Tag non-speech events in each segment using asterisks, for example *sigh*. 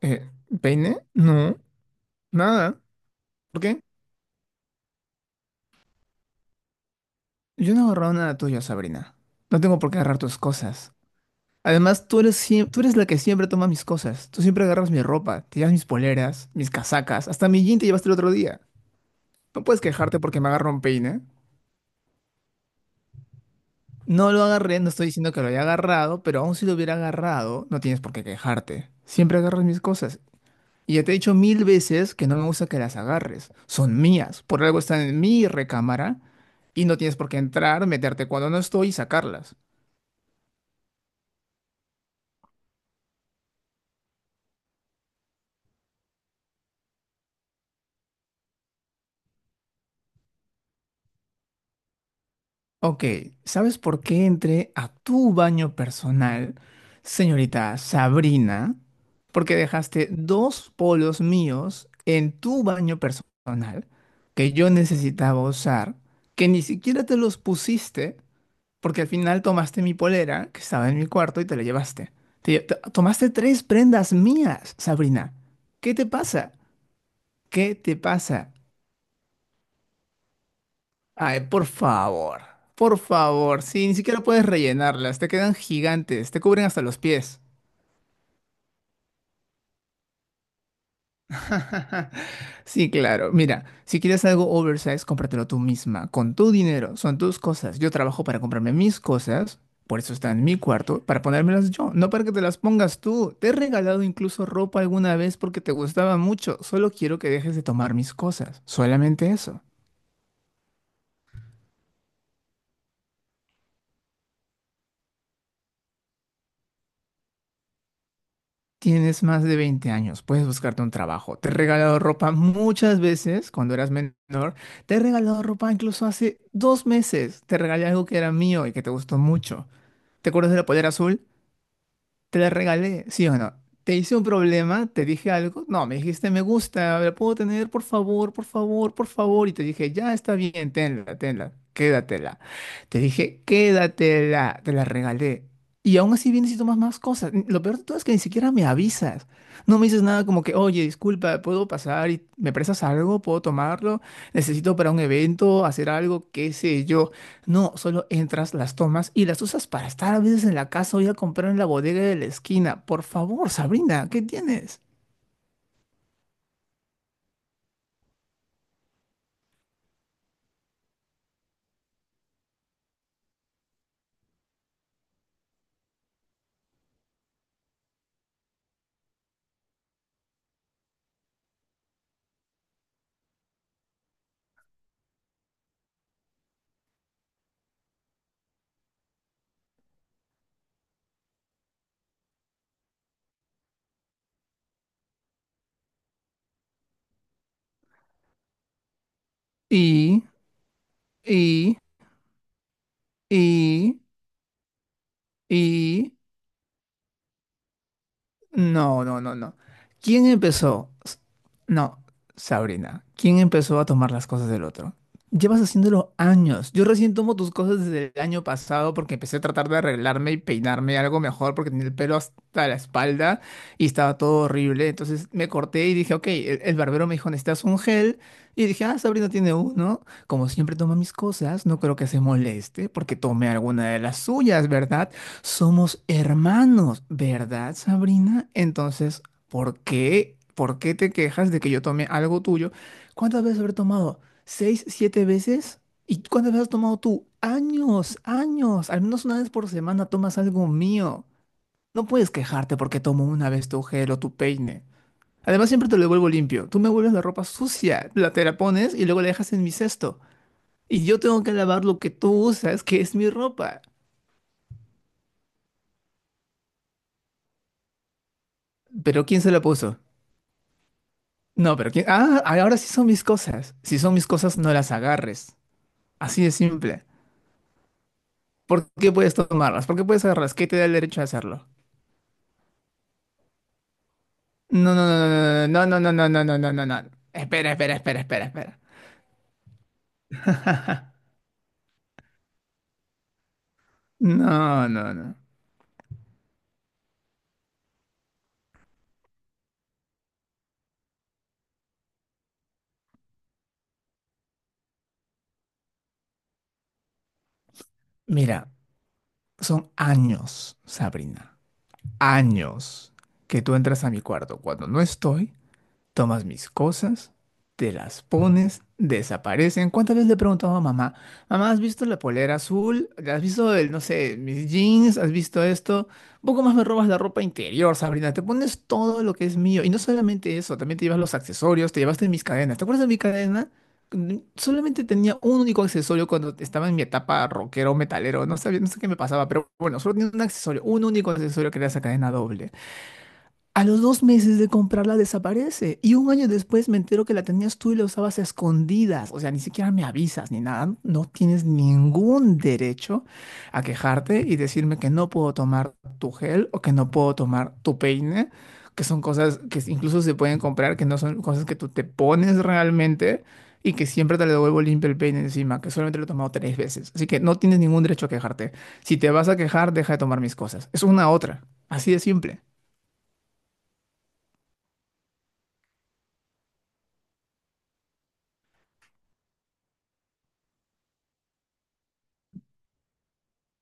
Eh, ¿Peine? No, nada. ¿Por qué? Yo no he agarrado nada tuyo, Sabrina. No tengo por qué agarrar tus cosas. Además, tú eres la que siempre toma mis cosas. Tú siempre agarras mi ropa, te llevas mis poleras, mis casacas, hasta mi jean te llevaste el otro día. No puedes quejarte porque me agarró un peine. No lo agarré, no estoy diciendo que lo haya agarrado, pero aun si lo hubiera agarrado, no tienes por qué quejarte. Siempre agarras mis cosas. Y ya te he dicho mil veces que no me gusta que las agarres. Son mías. Por algo están en mi recámara y no tienes por qué entrar, meterte cuando no estoy y sacarlas. Ok, ¿sabes por qué entré a tu baño personal, señorita Sabrina? Porque dejaste dos polos míos en tu baño personal que yo necesitaba usar, que ni siquiera te los pusiste. Porque al final tomaste mi polera, que estaba en mi cuarto, y te la llevaste. Tomaste tres prendas mías, Sabrina. ¿Qué te pasa? ¿Qué te pasa? Ay, por favor. Por favor. Sí, ni siquiera puedes rellenarlas. Te quedan gigantes. Te cubren hasta los pies. *laughs* Sí, claro. Mira, si quieres algo oversize, cómpratelo tú misma, con tu dinero. Son tus cosas. Yo trabajo para comprarme mis cosas, por eso está en mi cuarto, para ponérmelas yo, no para que te las pongas tú. Te he regalado incluso ropa alguna vez porque te gustaba mucho. Solo quiero que dejes de tomar mis cosas. Solamente eso. Tienes más de 20 años, puedes buscarte un trabajo. Te he regalado ropa muchas veces cuando eras menor. Te he regalado ropa incluso hace dos meses. Te regalé algo que era mío y que te gustó mucho. ¿Te acuerdas de la polera azul? Te la regalé, ¿sí o no? Te hice un problema, te dije algo. No, me dijiste me gusta, la puedo tener, por favor, por favor, por favor. Y te dije, ya está bien, tenla, tenla, quédatela. Te dije, quédatela, te la regalé. Y aún así vienes y tomas más cosas. Lo peor de todo es que ni siquiera me avisas. No me dices nada como que, oye, disculpa, ¿puedo pasar y me prestas algo? ¿Puedo tomarlo? Necesito para un evento, hacer algo, qué sé yo. No, solo entras, las tomas y las usas para estar a veces en la casa o ir a comprar en la bodega de la esquina. Por favor, Sabrina, ¿qué tienes? Y, y, y, y, No, no, no, no. ¿Quién empezó? No, Sabrina. ¿Quién empezó a tomar las cosas del otro? Llevas haciéndolo años. Yo recién tomo tus cosas desde el año pasado porque empecé a tratar de arreglarme y peinarme algo mejor porque tenía el pelo hasta la espalda y estaba todo horrible. Entonces me corté y dije, ok, el barbero me dijo, necesitas un gel. Y dije, ah, Sabrina tiene uno. Como siempre toma mis cosas, no creo que se moleste porque tome alguna de las suyas, ¿verdad? Somos hermanos, ¿verdad, Sabrina? Entonces, ¿por qué? ¿Por qué te quejas de que yo tomé algo tuyo? ¿Cuántas veces habré tomado? ¿Seis, siete veces? ¿Y cuántas veces has tomado tú? Años, años. Al menos una vez por semana tomas algo mío. No puedes quejarte porque tomo una vez tu gel o tu peine. Además, siempre te lo devuelvo limpio. Tú me vuelves la ropa sucia, la te la pones y luego la dejas en mi cesto. Y yo tengo que lavar lo que tú usas, que es mi ropa. ¿Pero quién se la puso? No, pero ¿quién? Ah, ahora sí son mis cosas. Si son mis cosas, no las agarres. Así de simple. ¿Por qué puedes tomarlas? ¿Por qué puedes agarrarlas? ¿Qué te da el derecho de hacerlo? No, no, no, no, no, no, no, no, no, no, no, no, no, no, no. Espera, espera, espera, espera, espera. No, no, no. Mira, son años, Sabrina. Años que tú entras a mi cuarto cuando no estoy. Tomas mis cosas, te las pones, desaparecen. ¿Cuántas veces le he preguntado a mamá, mamá, ¿has visto la polera azul? ¿Has visto el, no sé, mis jeans? ¿Has visto esto? Un poco más me robas la ropa interior, Sabrina. Te pones todo lo que es mío. Y no solamente eso, también te llevas los accesorios, te llevaste mis cadenas. ¿Te acuerdas de mi cadena? Mm. Solamente tenía un único accesorio cuando estaba en mi etapa rockero, metalero, no sabía, no sé qué me pasaba, pero bueno, solo tenía un accesorio, un único accesorio que era esa cadena doble. A los dos meses de comprarla desaparece. Y un año después me entero que la tenías tú y la usabas a escondidas. O sea, ni siquiera me avisas ni nada. No tienes ningún derecho a quejarte y decirme que no puedo tomar tu gel o que no puedo tomar tu peine, que son cosas que incluso se pueden comprar, que no son cosas que tú te pones realmente y que siempre te le devuelvo limpio el peine encima, que solamente lo he tomado tres veces. Así que no tienes ningún derecho a quejarte. Si te vas a quejar, deja de tomar mis cosas. Es una otra. Así de simple.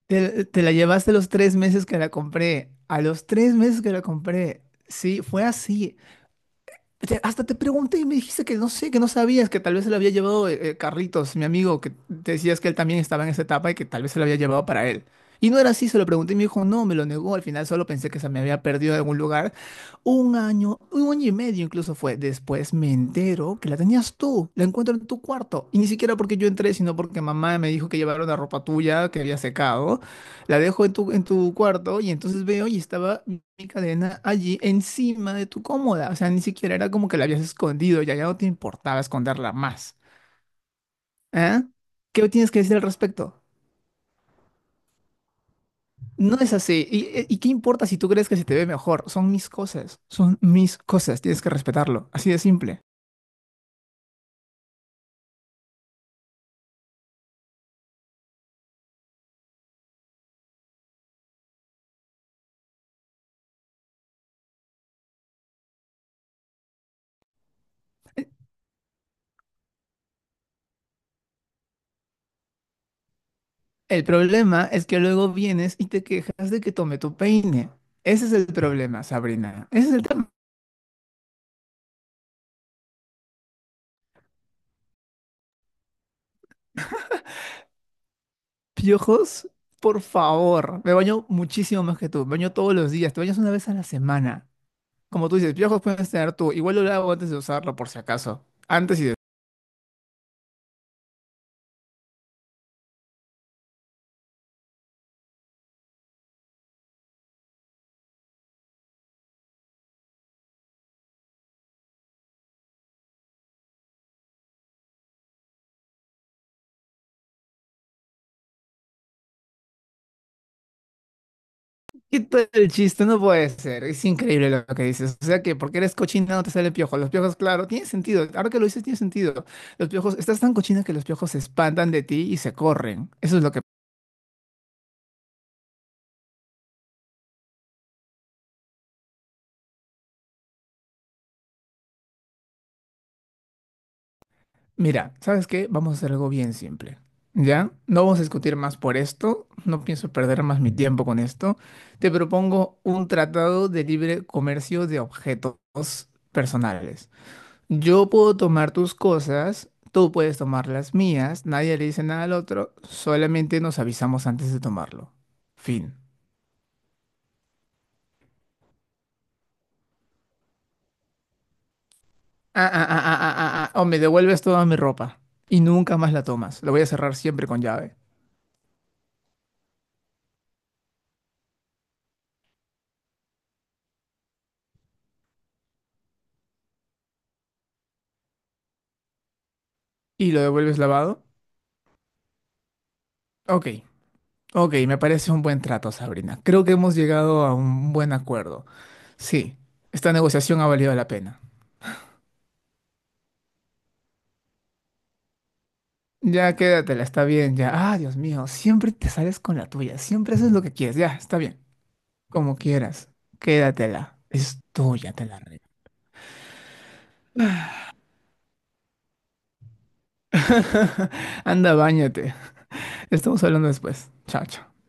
Te la llevaste los tres meses que la compré. A los tres meses que la compré. Sí, fue así. Hasta te pregunté y me dijiste que no sé, que no sabías, que tal vez se la había llevado Carlitos, mi amigo, que te decías que él también estaba en esa etapa y que tal vez se la había llevado para él. Y no era así, se lo pregunté y me dijo, no, me lo negó. Al final solo pensé que se me había perdido en algún lugar. Un año y medio incluso fue. Después me entero que la tenías tú, la encuentro en tu cuarto. Y ni siquiera porque yo entré, sino porque mamá me dijo que llevaron la ropa tuya que había secado. La dejo en tu cuarto y entonces veo y estaba mi cadena allí encima de tu cómoda. O sea, ni siquiera era como que la habías escondido, ya, ya no te importaba esconderla más. ¿Ah? ¿Qué tienes que decir al respecto? No es así. Y qué importa si tú crees que se te ve mejor? Son mis cosas, tienes que respetarlo. Así de simple. El problema es que luego vienes y te quejas de que tome tu peine. Ese es el problema, Sabrina. Ese es el tema. Piojos, por favor. Me baño muchísimo más que tú. Me baño todos los días. Te bañas una vez a la semana. Como tú dices, piojos puedes tener tú. Igual lo lavo antes de usarlo, por si acaso. Antes y después. Quita el chiste, no puede ser. Es increíble lo que dices. O sea que porque eres cochina no te sale piojo. Los piojos, claro, tiene sentido. Ahora que lo dices, tiene sentido. Los piojos, estás tan cochina que los piojos se espantan de ti y se corren. Eso es lo que. Mira, ¿sabes qué? Vamos a hacer algo bien simple. ¿Ya? No vamos a discutir más por esto. No pienso perder más mi tiempo con esto. Te propongo un tratado de libre comercio de objetos personales. Yo puedo tomar tus cosas, tú puedes tomar las mías, nadie le dice nada al otro, solamente nos avisamos antes de tomarlo. Fin. Ah, ah, ah, ah, ah, ah, ah, o me devuelves toda mi ropa y nunca más la tomas. Lo voy a cerrar siempre con llave. ¿Y lo devuelves lavado? Ok. Ok, me parece un buen trato, Sabrina. Creo que hemos llegado a un buen acuerdo. Sí, esta negociación ha valido la pena. Ya quédatela, está bien, ya. Ah, Dios mío, siempre te sales con la tuya, siempre haces lo que quieres, ya, está bien. Como quieras, quédatela. Es tuya, te la regalo. *laughs* Anda, báñate. Estamos hablando después. Chao, chao.